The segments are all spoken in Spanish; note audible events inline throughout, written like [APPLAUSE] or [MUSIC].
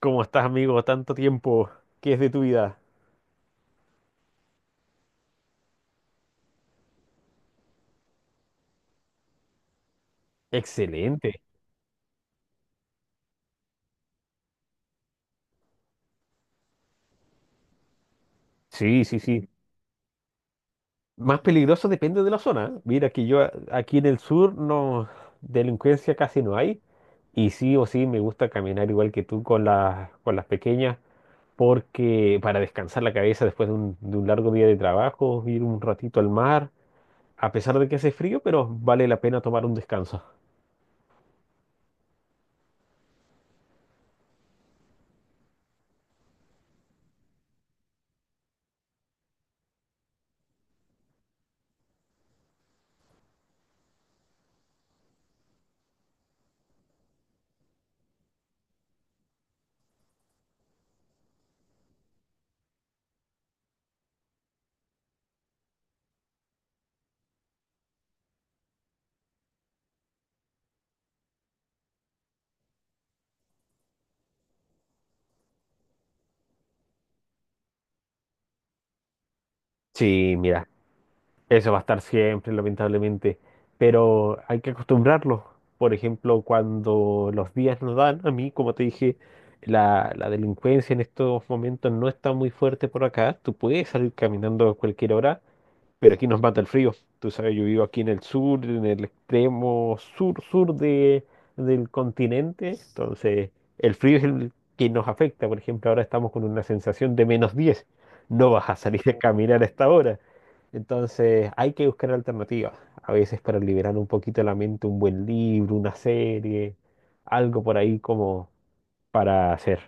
¿Cómo estás, amigo? Tanto tiempo. ¿Qué es de tu vida? Excelente. Sí, sí, sí. Más peligroso depende de la zona, ¿eh? Mira que yo aquí en el sur no delincuencia casi no hay y sí o sí me gusta caminar igual que tú con las pequeñas, porque para descansar la cabeza después de un largo día de trabajo, ir un ratito al mar, a pesar de que hace frío, pero vale la pena tomar un descanso. Sí, mira. Eso va a estar siempre, lamentablemente, pero hay que acostumbrarlo. Por ejemplo, cuando los días nos dan, a mí, como te dije, la delincuencia en estos momentos no está muy fuerte por acá. Tú puedes salir caminando a cualquier hora, pero aquí nos mata el frío. Tú sabes, yo vivo aquí en el sur, en el extremo sur-sur del continente. Entonces el frío es el que nos afecta. Por ejemplo, ahora estamos con una sensación de -10. No vas a salir a, oh, caminar a esta hora. Entonces hay que buscar alternativas. A veces, para liberar un poquito la mente, un buen libro, una serie, algo por ahí como para hacer.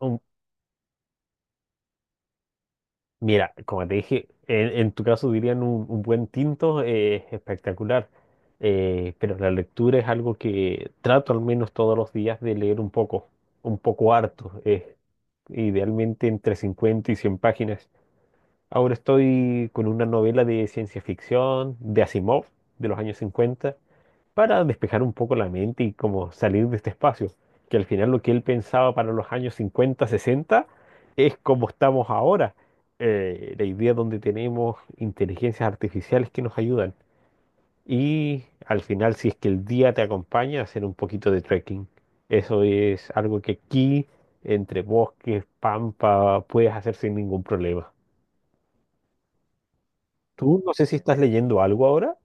Un- mira, como te dije, en tu caso dirían un buen tinto, espectacular. Pero la lectura es algo que trato al menos todos los días de leer un poco harto, idealmente entre 50 y 100 páginas. Ahora estoy con una novela de ciencia ficción de Asimov de los años 50, para despejar un poco la mente y como salir de este espacio, que al final lo que él pensaba para los años 50-60 es como estamos ahora. La idea donde tenemos inteligencias artificiales que nos ayudan. Y al final, si es que el día te acompaña, hacer un poquito de trekking. Eso es algo que aquí, entre bosques, pampa, puedes hacer sin ningún problema. Tú, no sé si estás leyendo algo ahora.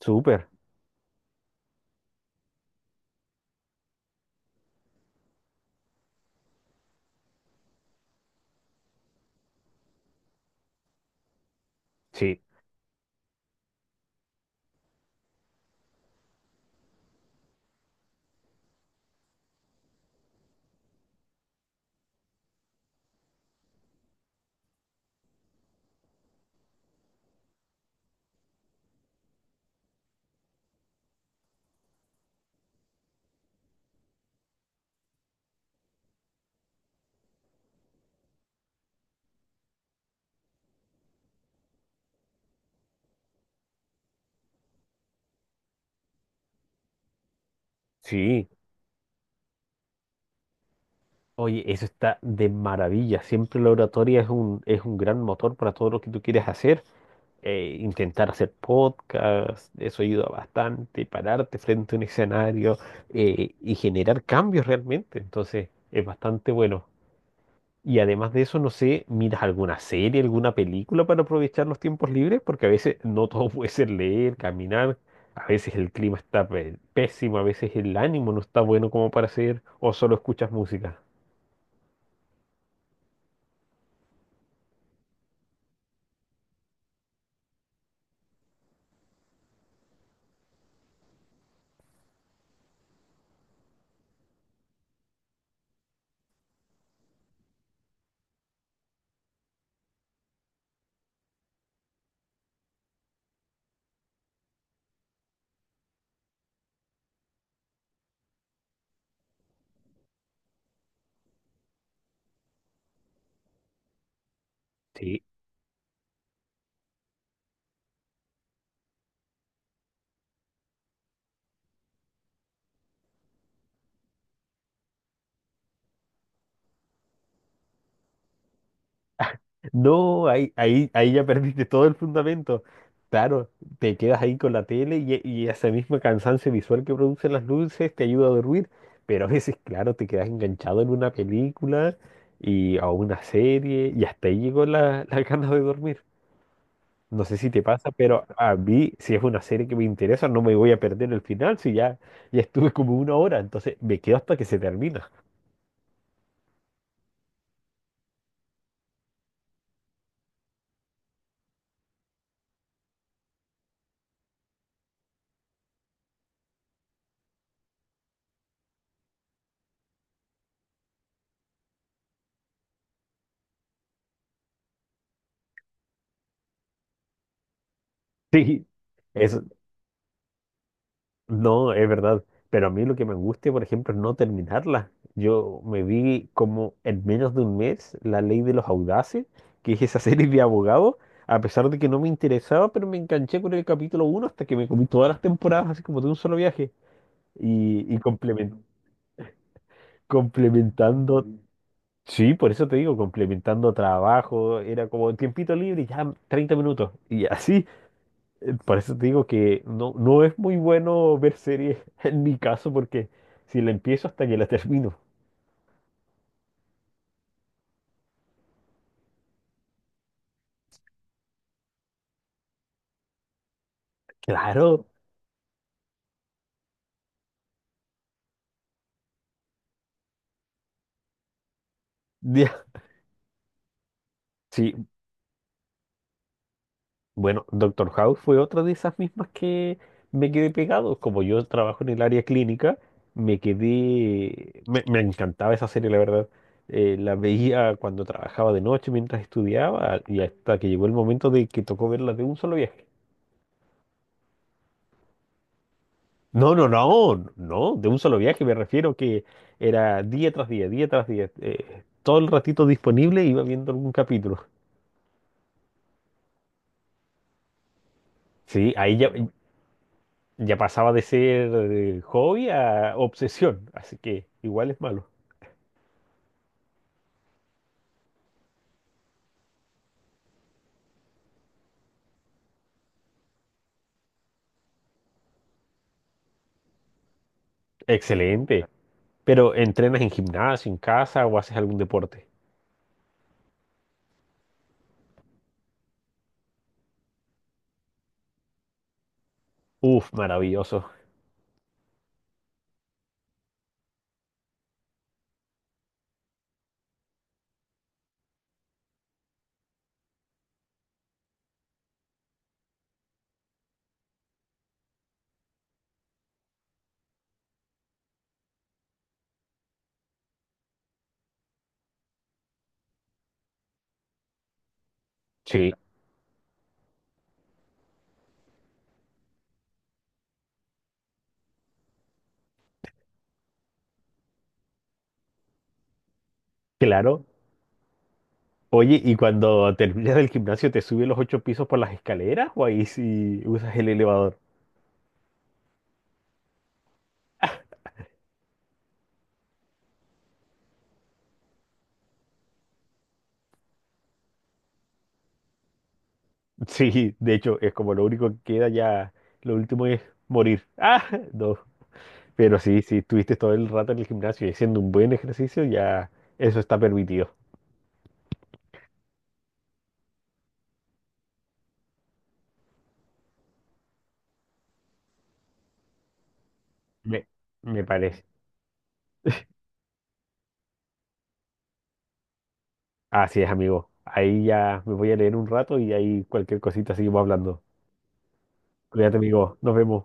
Súper. Sí, sí. Oye, eso está de maravilla. Siempre la oratoria es un gran motor para todo lo que tú quieres hacer. Intentar hacer podcast, eso ayuda bastante. Pararte frente a un escenario y generar cambios realmente. Entonces, es bastante bueno. Y además de eso, no sé, ¿miras alguna serie, alguna película para aprovechar los tiempos libres? Porque a veces no todo [LAUGHS] puede ser leer, caminar. A veces el clima está pésimo, a veces el ánimo no está bueno como para hacer, o solo escuchas música. Sí. No, ahí ya [LAUGHS] perdiste todo el fundamento. Claro, te quedas ahí con la tele y ese mismo cansancio visual que producen las luces te ayuda a dormir, pero a veces, claro, te quedas enganchado en una película y a una serie y hasta ahí llegó la, [LAUGHS] la ganas de dormir. No sé si te pasa, pero a mí, si es una serie que me interesa, no me voy a perder el final. Si ya, estuve como una hora, entonces me quedo hasta que se termina. [LAUGHS] Sí, eso. No, es verdad. Pero a mí lo que me angustia, por ejemplo, es no terminarla. Yo me vi como en menos de un mes La Ley de los Audaces, que es esa [LAUGHS] serie de abogados. A pesar de que no me interesaba, pero me enganché con el capítulo uno hasta que me comí todas las temporadas, así como de un solo viaje. Y, y complemen- complementando, sí, por eso te digo, complementando trabajo, era como tiempito libre, ya 30 minutos. Y así, por eso te digo que no, no es muy bueno ver series [LAUGHS] en mi caso, porque si la empiezo, hasta que la termino. Claro. Ya. Sí, bueno, Doctor House fue otra de esas mismas que me quedé pegado. Como yo trabajo en el área clínica, me quedé. Me encantaba esa serie, la verdad. La veía cuando trabajaba de noche mientras estudiaba, y hasta que llegó el momento de que tocó verla de un solo viaje. No, no, no, no, de un solo viaje me refiero que era día tras día, día tras día. Todo el ratito disponible iba viendo algún capítulo. Sí, ahí ya, pasaba de ser hobby a obsesión, así que igual es malo. Excelente, pero ¿entrenas en gimnasio, en casa o haces algún deporte? Uf, maravilloso. Sí, claro. Oye, ¿y cuando terminas del gimnasio te subes los ocho pisos por las escaleras o ahí sí usas el elevador? Sí, de hecho, es como lo único que queda ya, lo último es morir. [LAUGHS] Ah, no. Pero sí, si estuviste todo el rato en el gimnasio y haciendo un buen ejercicio, ya eso está permitido. Me, me parece. Así es, amigo. Ahí ya me voy a leer un rato y ahí cualquier cosita seguimos hablando. Cuídate, amigo. Nos vemos.